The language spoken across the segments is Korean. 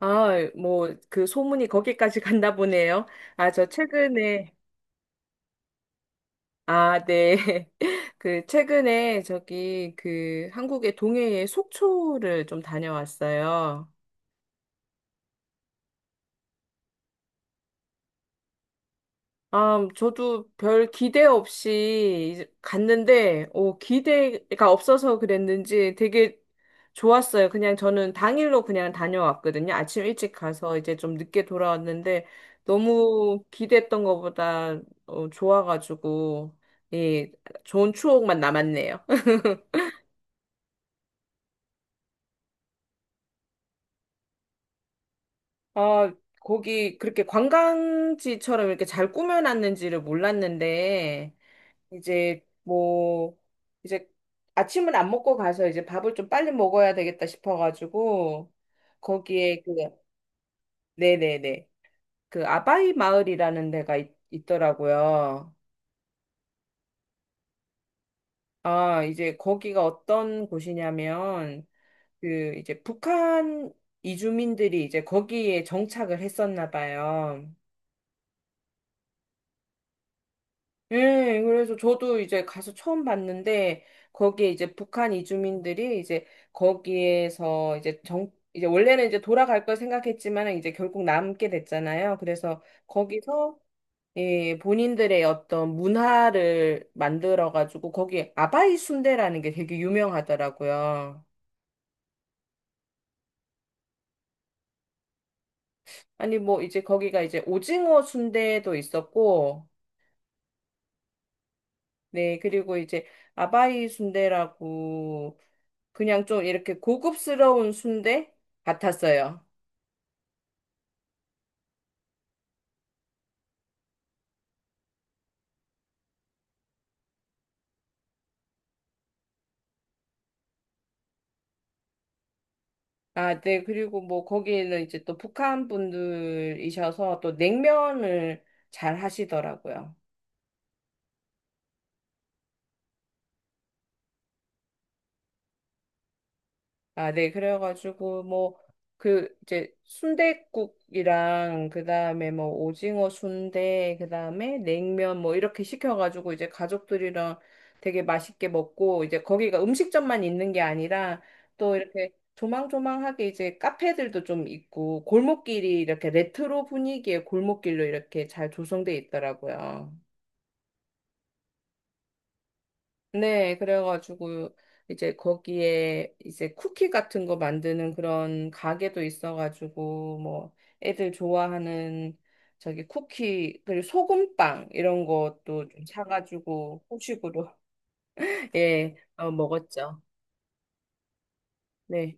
아, 뭐, 그 소문이 거기까지 갔나 보네요. 아, 저 최근에, 아, 네. 그, 최근에 저기, 그, 한국의 동해에 속초를 좀 다녀왔어요. 아, 저도 별 기대 없이 이제 갔는데, 오, 기대가 없어서 그랬는지 되게 좋았어요. 그냥 저는 당일로 그냥 다녀왔거든요. 아침 일찍 가서 이제 좀 늦게 돌아왔는데, 너무 기대했던 것보다 어, 좋아가지고, 예, 좋은 추억만 남았네요. 아, 거기 그렇게 관광지처럼 이렇게 잘 꾸며놨는지를 몰랐는데, 이제 뭐 이제 아침은 안 먹고 가서 이제 밥을 좀 빨리 먹어야 되겠다 싶어가지고 거기에 그 네네네, 그 아바이 마을이라는 데가 있더라고요. 아, 이제 거기가 어떤 곳이냐면 그 이제 북한 이주민들이 이제 거기에 정착을 했었나 봐요. 예, 그래서 저도 이제 가서 처음 봤는데, 거기에 이제 북한 이주민들이 이제 거기에서 이제 이제 원래는 이제 돌아갈 걸 생각했지만 이제 결국 남게 됐잖아요. 그래서 거기서 예, 본인들의 어떤 문화를 만들어가지고 거기 아바이 순대라는 게 되게 유명하더라고요. 아니, 뭐 이제 거기가 이제 오징어 순대도 있었고, 네, 그리고 이제 아바이 순대라고 그냥 좀 이렇게 고급스러운 순대 같았어요. 아, 네. 그리고 뭐 거기는 이제 또 북한 분들이셔서 또 냉면을 잘 하시더라고요. 아, 네. 그래가지고, 뭐, 그, 이제, 순댓국이랑, 그 다음에 뭐, 오징어 순대, 그 다음에 냉면, 뭐, 이렇게 시켜가지고, 이제 가족들이랑 되게 맛있게 먹고, 이제 거기가 음식점만 있는 게 아니라, 또 이렇게 조망조망하게 이제 카페들도 좀 있고, 골목길이 이렇게 레트로 분위기의 골목길로 이렇게 잘 조성돼 있더라고요. 네, 그래가지고 이제 거기에 이제 쿠키 같은 거 만드는 그런 가게도 있어가지고 뭐 애들 좋아하는 저기 쿠키 그리고 소금빵 이런 것도 좀 사가지고 후식으로 예, 어, 먹었죠. 네.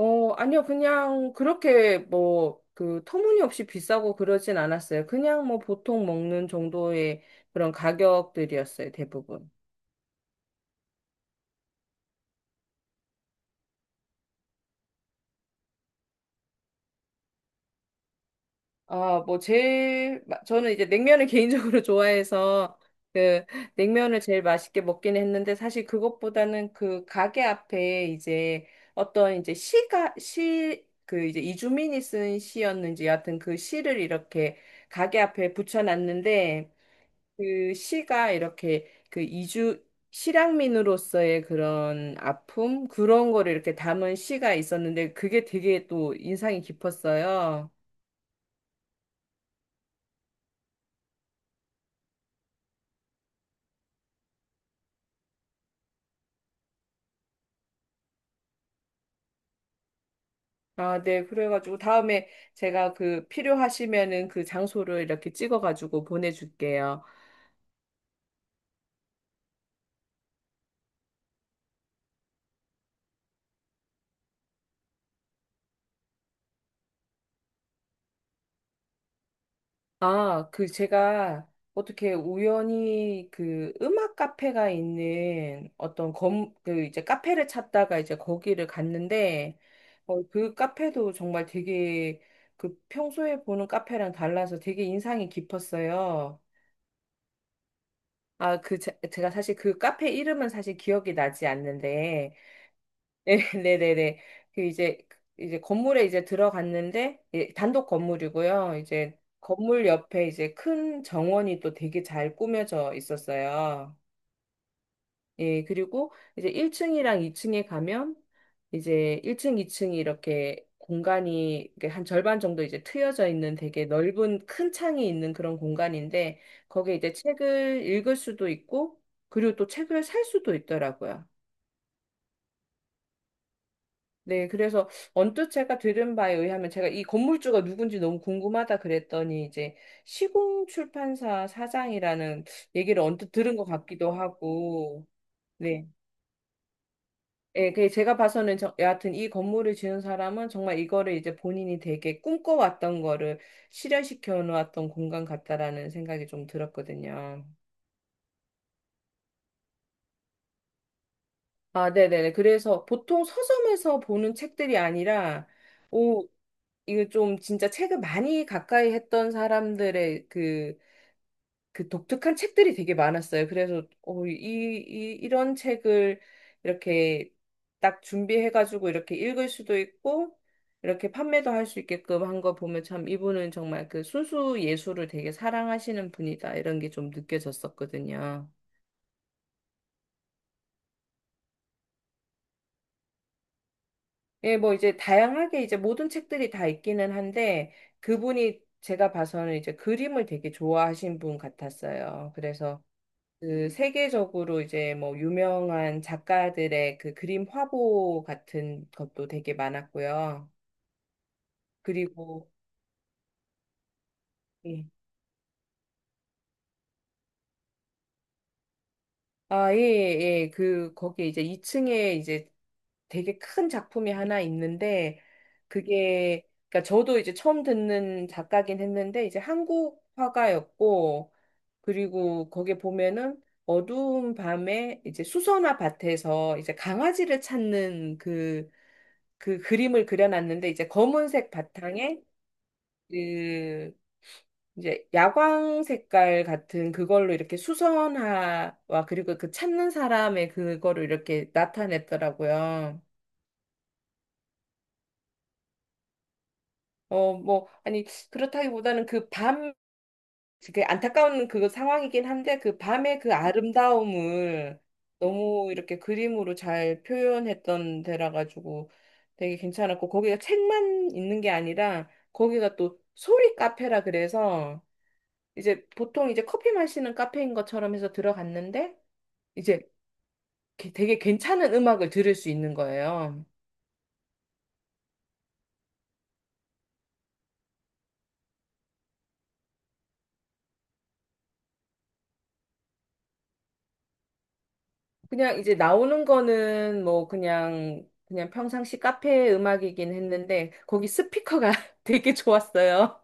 어, 아니요, 그냥 그렇게 뭐 그 터무니없이 비싸고 그러진 않았어요. 그냥 뭐 보통 먹는 정도의 그런 가격들이었어요, 대부분. 아, 뭐 저는 이제 냉면을 개인적으로 좋아해서 그 냉면을 제일 맛있게 먹긴 했는데, 사실 그것보다는 그 가게 앞에 이제 어떤 이제 시가 시 그 이제 이주민이 쓴 시였는지 여하튼 그 시를 이렇게 가게 앞에 붙여놨는데, 그 시가 이렇게 그 이주 실향민으로서의 그런 아픔 그런 거를 이렇게 담은 시가 있었는데 그게 되게 또 인상이 깊었어요. 아, 네. 그래가지고 다음에 제가 그 필요하시면은 그 장소를 이렇게 찍어가지고 보내줄게요. 아, 그 제가 어떻게 우연히 그 음악 카페가 있는 그 이제 카페를 찾다가 이제 거기를 갔는데, 어, 그 카페도 정말 되게 그 평소에 보는 카페랑 달라서 되게 인상이 깊었어요. 아, 그, 제가 사실 그 카페 이름은 사실 기억이 나지 않는데, 네, 네네네. 그 이제 건물에 이제 들어갔는데, 예, 단독 건물이고요. 이제 건물 옆에 이제 큰 정원이 또 되게 잘 꾸며져 있었어요. 예, 그리고 이제 1층이랑 2층에 가면 이제 1층, 2층이 이렇게 공간이 이렇게 한 절반 정도 이제 트여져 있는 되게 넓은 큰 창이 있는 그런 공간인데, 거기에 이제 책을 읽을 수도 있고 그리고 또 책을 살 수도 있더라고요. 네, 그래서 언뜻 제가 들은 바에 의하면, 제가 이 건물주가 누군지 너무 궁금하다 그랬더니 이제 시공 출판사 사장이라는 얘기를 언뜻 들은 것 같기도 하고, 네. 예, 그 제가 봐서는 저, 여하튼 이 건물을 지은 사람은 정말 이거를 이제 본인이 되게 꿈꿔왔던 거를 실현시켜 놓았던 공간 같다라는 생각이 좀 들었거든요. 아, 네네네. 그래서 보통 서점에서 보는 책들이 아니라, 오, 이게 좀 진짜 책을 많이 가까이 했던 사람들의 그, 그 독특한 책들이 되게 많았어요. 그래서, 어, 이런 책을 이렇게 딱 준비해가지고 이렇게 읽을 수도 있고, 이렇게 판매도 할 수 있게끔 한 거 보면, 참 이분은 정말 그 순수 예술을 되게 사랑하시는 분이다 이런 게 좀 느껴졌었거든요. 예, 뭐 이제 다양하게 이제 모든 책들이 다 있기는 한데, 그분이 제가 봐서는 이제 그림을 되게 좋아하신 분 같았어요. 그래서 그 세계적으로 이제 뭐 유명한 작가들의 그 그림 화보 같은 것도 되게 많았고요. 그리고 예. 아, 예, 예. 예. 그 거기에 이제 2층에 이제 되게 큰 작품이 하나 있는데, 그게 그러니까 저도 이제 처음 듣는 작가긴 했는데 이제 한국 화가였고, 그리고 거기에 보면은 어두운 밤에 이제 수선화 밭에서 이제 강아지를 찾는 그 그림을 그려놨는데, 이제 검은색 바탕에 그 이제 야광 색깔 같은 그걸로 이렇게 수선화와 그리고 그 찾는 사람의 그거를 이렇게 나타냈더라고요. 어, 뭐, 아니, 그렇다기보다는 그 안타까운 그 상황이긴 한데 그 밤의 그 아름다움을 너무 이렇게 그림으로 잘 표현했던 데라 가지고 되게 괜찮았고, 거기가 책만 있는 게 아니라 거기가 또 소리 카페라 그래서 이제 보통 이제 커피 마시는 카페인 것처럼 해서 들어갔는데, 이제 되게 괜찮은 음악을 들을 수 있는 거예요. 그냥 이제 나오는 거는 뭐 그냥 평상시 카페 음악이긴 했는데 거기 스피커가 되게 좋았어요.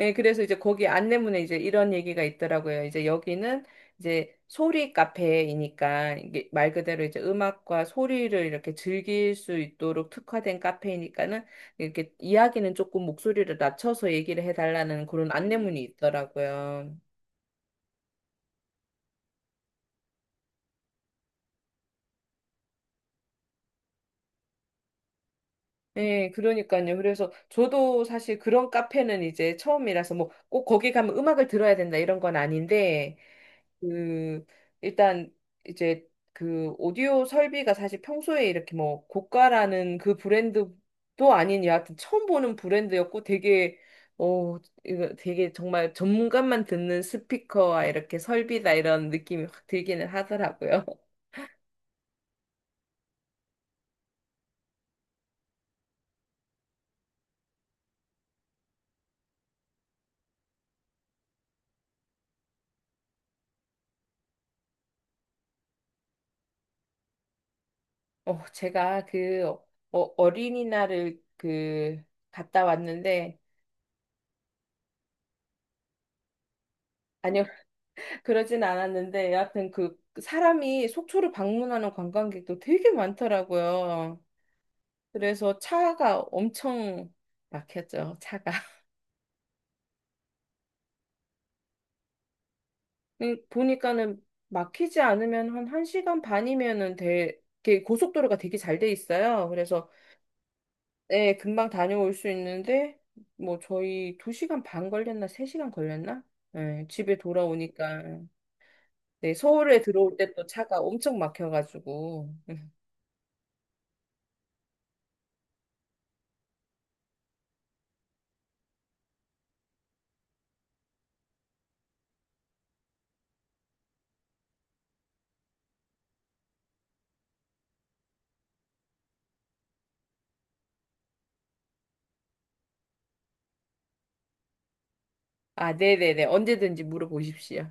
예, 그래서 이제 거기 안내문에 이제 이런 얘기가 있더라고요. 이제 여기는 이제 소리 카페이니까 이게 말 그대로 이제 음악과 소리를 이렇게 즐길 수 있도록 특화된 카페이니까는 이렇게 이야기는 조금 목소리를 낮춰서 얘기를 해달라는 그런 안내문이 있더라고요. 예, 그러니까요. 그래서 저도 사실 그런 카페는 이제 처음이라서 뭐 꼭 거기 가면 음악을 들어야 된다 이런 건 아닌데, 그 일단 이제 그 오디오 설비가 사실 평소에 이렇게 뭐 고가라는 그 브랜드도 아닌, 여하튼 처음 보는 브랜드였고, 되게 어, 이거 되게 정말 전문가만 듣는 스피커와 이렇게 설비다 이런 느낌이 확 들기는 하더라고요. 어, 제가 그 어, 어, 어린이날을 그 갔다 왔는데, 아니요, 그러진 않았는데 여하튼 그 사람이 속초를 방문하는 관광객도 되게 많더라고요. 그래서 차가 엄청 막혔죠, 차가. 근데 보니까는 막히지 않으면 한 1시간 반이면은 돼, 이렇게 고속도로가 되게 잘 돼 있어요. 그래서, 네, 금방 다녀올 수 있는데, 뭐 저희 2시간 반 걸렸나, 3시간 걸렸나? 네, 집에 돌아오니까. 네, 서울에 들어올 때 또 차가 엄청 막혀가지고. 아, 네네네. 언제든지 물어보십시오.